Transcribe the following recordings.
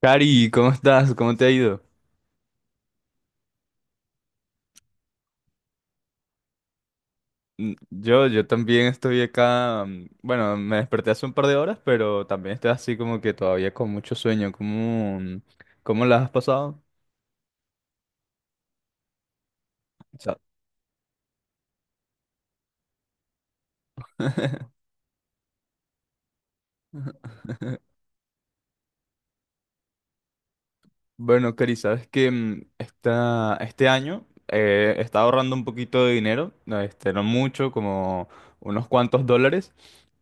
Cari, ¿cómo estás? ¿Cómo te ha ido? Yo también estoy acá, bueno, me desperté hace un par de horas, pero también estoy así como que todavía con mucho sueño. ¿Cómo la has pasado? Bueno, Cari, sabes que este año he ahorrando un poquito de dinero, no, este, no mucho, como unos cuantos dólares,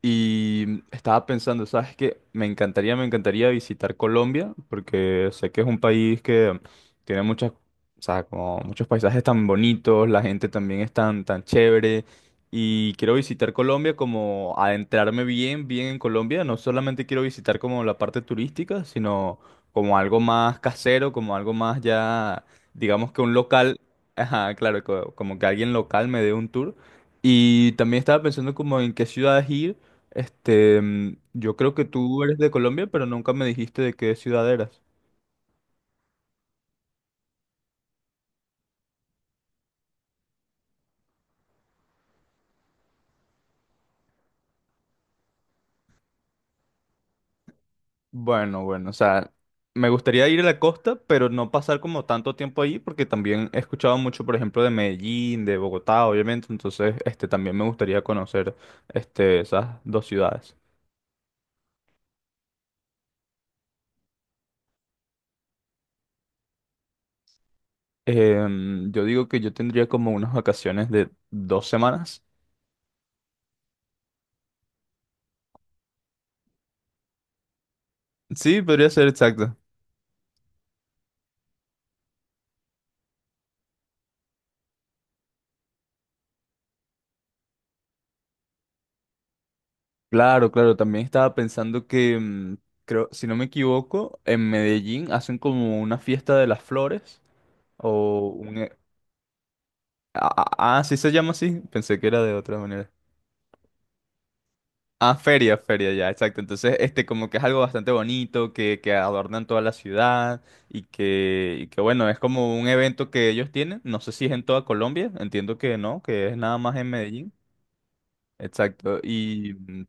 y estaba pensando, sabes que me encantaría visitar Colombia, porque sé que es un país que tiene muchas, o sea, como muchos paisajes tan bonitos, la gente también es tan chévere, y quiero visitar Colombia como adentrarme bien en Colombia, no solamente quiero visitar como la parte turística, sino como algo más casero, como algo más ya, digamos que un local, ajá, claro, como que alguien local me dé un tour. Y también estaba pensando como en qué ciudades ir. Este, yo creo que tú eres de Colombia, pero nunca me dijiste de qué ciudad eras. Bueno, o sea, me gustaría ir a la costa, pero no pasar como tanto tiempo allí, porque también he escuchado mucho, por ejemplo, de Medellín, de Bogotá, obviamente, entonces, este, también me gustaría conocer, este, esas dos ciudades. Em, yo digo que yo tendría como unas vacaciones de dos semanas. Sí, podría ser exacto. Claro, claro, también estaba pensando que, creo, si no me equivoco, en Medellín hacen como una fiesta de las flores o un... e- Ah, ah, ah, sí se llama así, pensé que era de otra manera. Ah, feria, feria, ya, exacto. Entonces, este como que es algo bastante bonito, que adornan toda la ciudad y que bueno, es como un evento que ellos tienen. No sé si es en toda Colombia, entiendo que no, que es nada más en Medellín. Exacto. Y mm,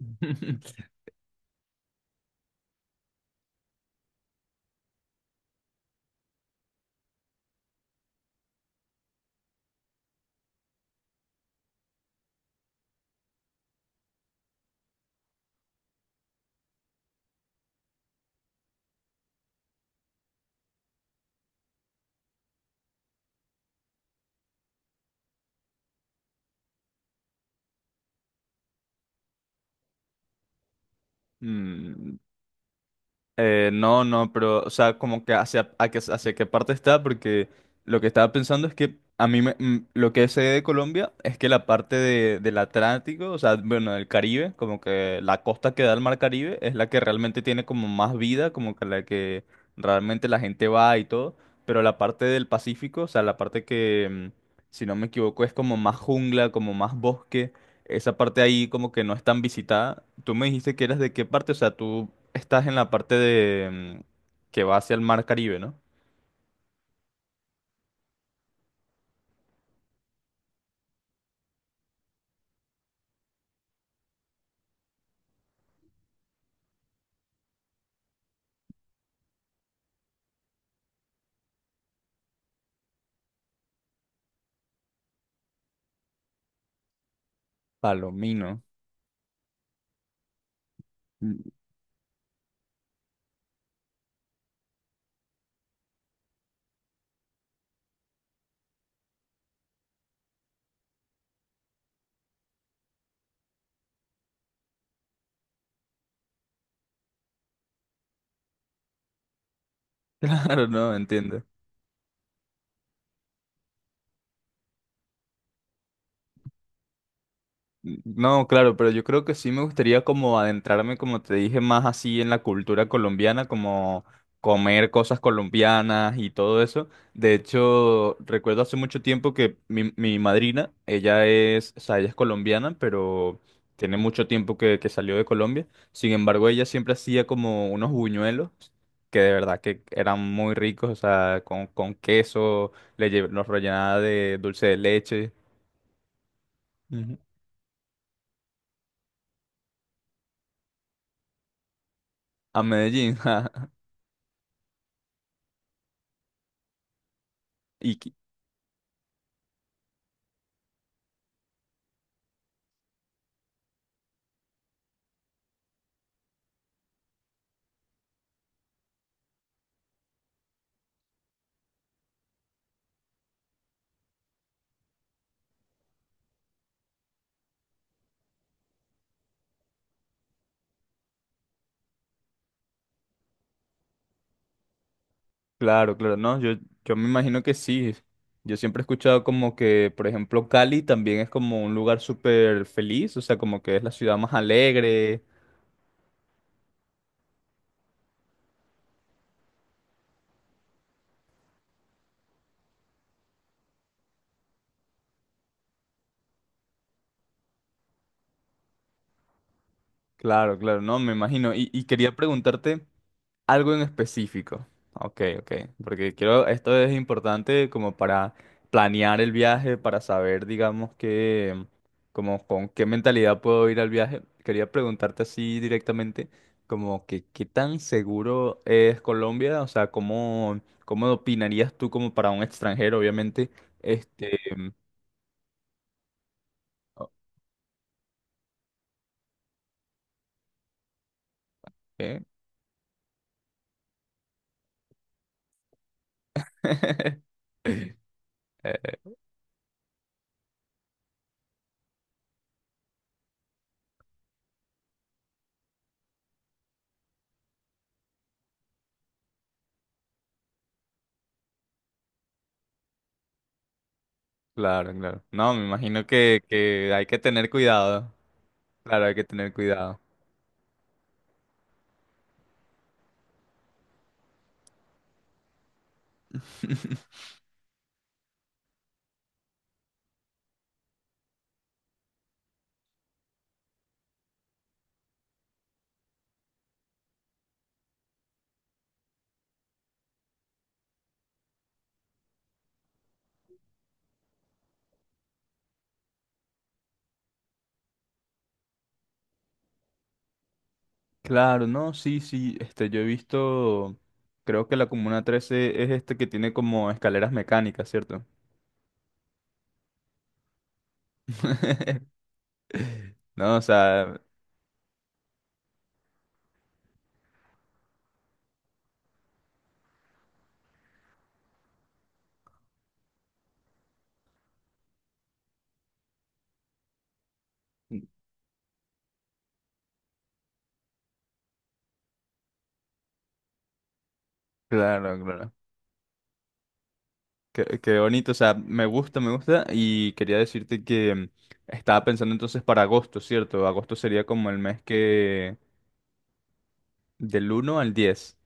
mm, no, pero, o sea, como que hacia, hacia qué parte está, porque lo que estaba pensando es que a mí lo que sé de Colombia es que la parte de, del Atlántico, o sea, bueno, del Caribe, como que la costa que da al mar Caribe es la que realmente tiene como más vida, como que la que realmente la gente va y todo, pero la parte del Pacífico, o sea, la parte que, si no me equivoco, es como más jungla, como más bosque. Esa parte ahí como que no es tan visitada. Tú me dijiste que eras de qué parte, o sea, tú estás en la parte de mm, que va hacia el mar Caribe, ¿no? Palomino. Mm, Claro, no, entiendo. No, claro, pero yo creo que sí me gustaría como adentrarme, como te dije, más así en la cultura colombiana, como comer cosas colombianas y todo eso. De hecho, recuerdo hace mucho tiempo que mi madrina, ella es, o sea, ella es colombiana, pero tiene mucho tiempo que salió de Colombia. Sin embargo, ella siempre hacía como unos buñuelos que de verdad que eran muy ricos, o sea, con queso, los rellenaba de dulce de leche. Ujú. A Medellín. Y qui- claro, claro, no, yo me imagino que sí. Yo siempre he escuchado como que, por ejemplo, Cali también es como un lugar súper feliz, o sea, como que es la ciudad más alegre. Claro, claro, no, me imagino. Y quería preguntarte, algo en específico. Ok, ok. Porque quiero, esto es importante como para planear el viaje, para saber, digamos, que, como con qué mentalidad puedo ir al viaje. Quería preguntarte así directamente, como que qué tan seguro es Colombia, o sea, cómo, cómo opinarías tú como para un extranjero, obviamente. Este, o- Eh, claro, claro. No, me imagino que hay que tener cuidado. Claro, hay que tener cuidado. Claro, no, sí, sí, este, yo he visto, creo que la Comuna 13 es este que tiene como escaleras mecánicas, ¿cierto? No, o sea, claro, claro. Qué, qué bonito, o sea, me gusta, me gusta. Y quería decirte que estaba pensando entonces para agosto, ¿cierto? Agosto sería como el mes que del 1 al 10.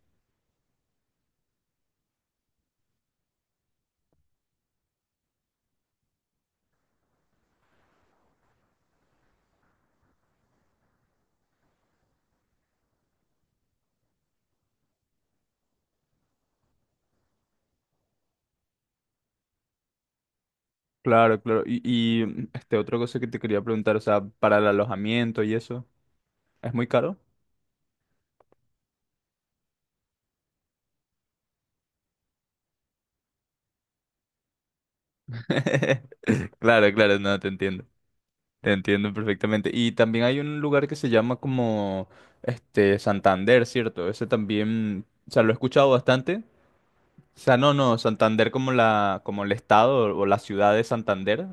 Claro, claro. Y este, otra cosa que te quería preguntar, o sea, para el alojamiento y eso, ¿es muy caro? Claro, claro, no, te entiendo. Te entiendo perfectamente. Y también hay un lugar que se llama como este Santander, ¿cierto? Ese también, o sea, lo he escuchado bastante. O sea, no, no, Santander como la, como el estado o la ciudad de Santander.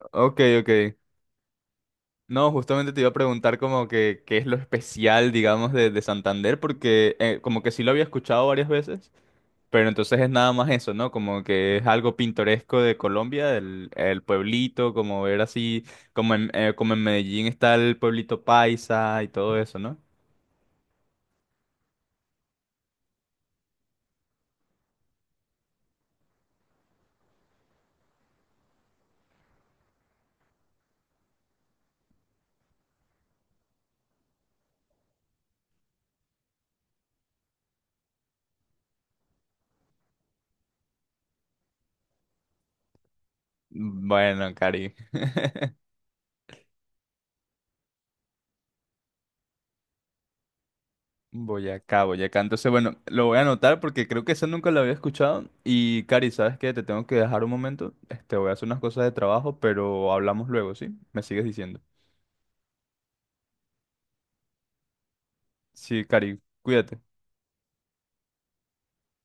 Ok, ok. No, justamente te iba a preguntar como que qué es lo especial, digamos, de Santander, porque como que sí lo había escuchado varias veces, pero entonces es nada más eso, ¿no? Como que es algo pintoresco de Colombia, el pueblito, como ver así, como en, como en Medellín está el pueblito paisa y todo eso, ¿no? Bueno, Cari. Boyacá, Boyacá. Entonces, bueno, lo voy a anotar porque creo que eso nunca lo había escuchado. Y, Cari, ¿sabes qué? Te tengo que dejar un momento. Este, voy a hacer unas cosas de trabajo, pero hablamos luego, ¿sí? Me sigues diciendo. Sí, Cari, cuídate.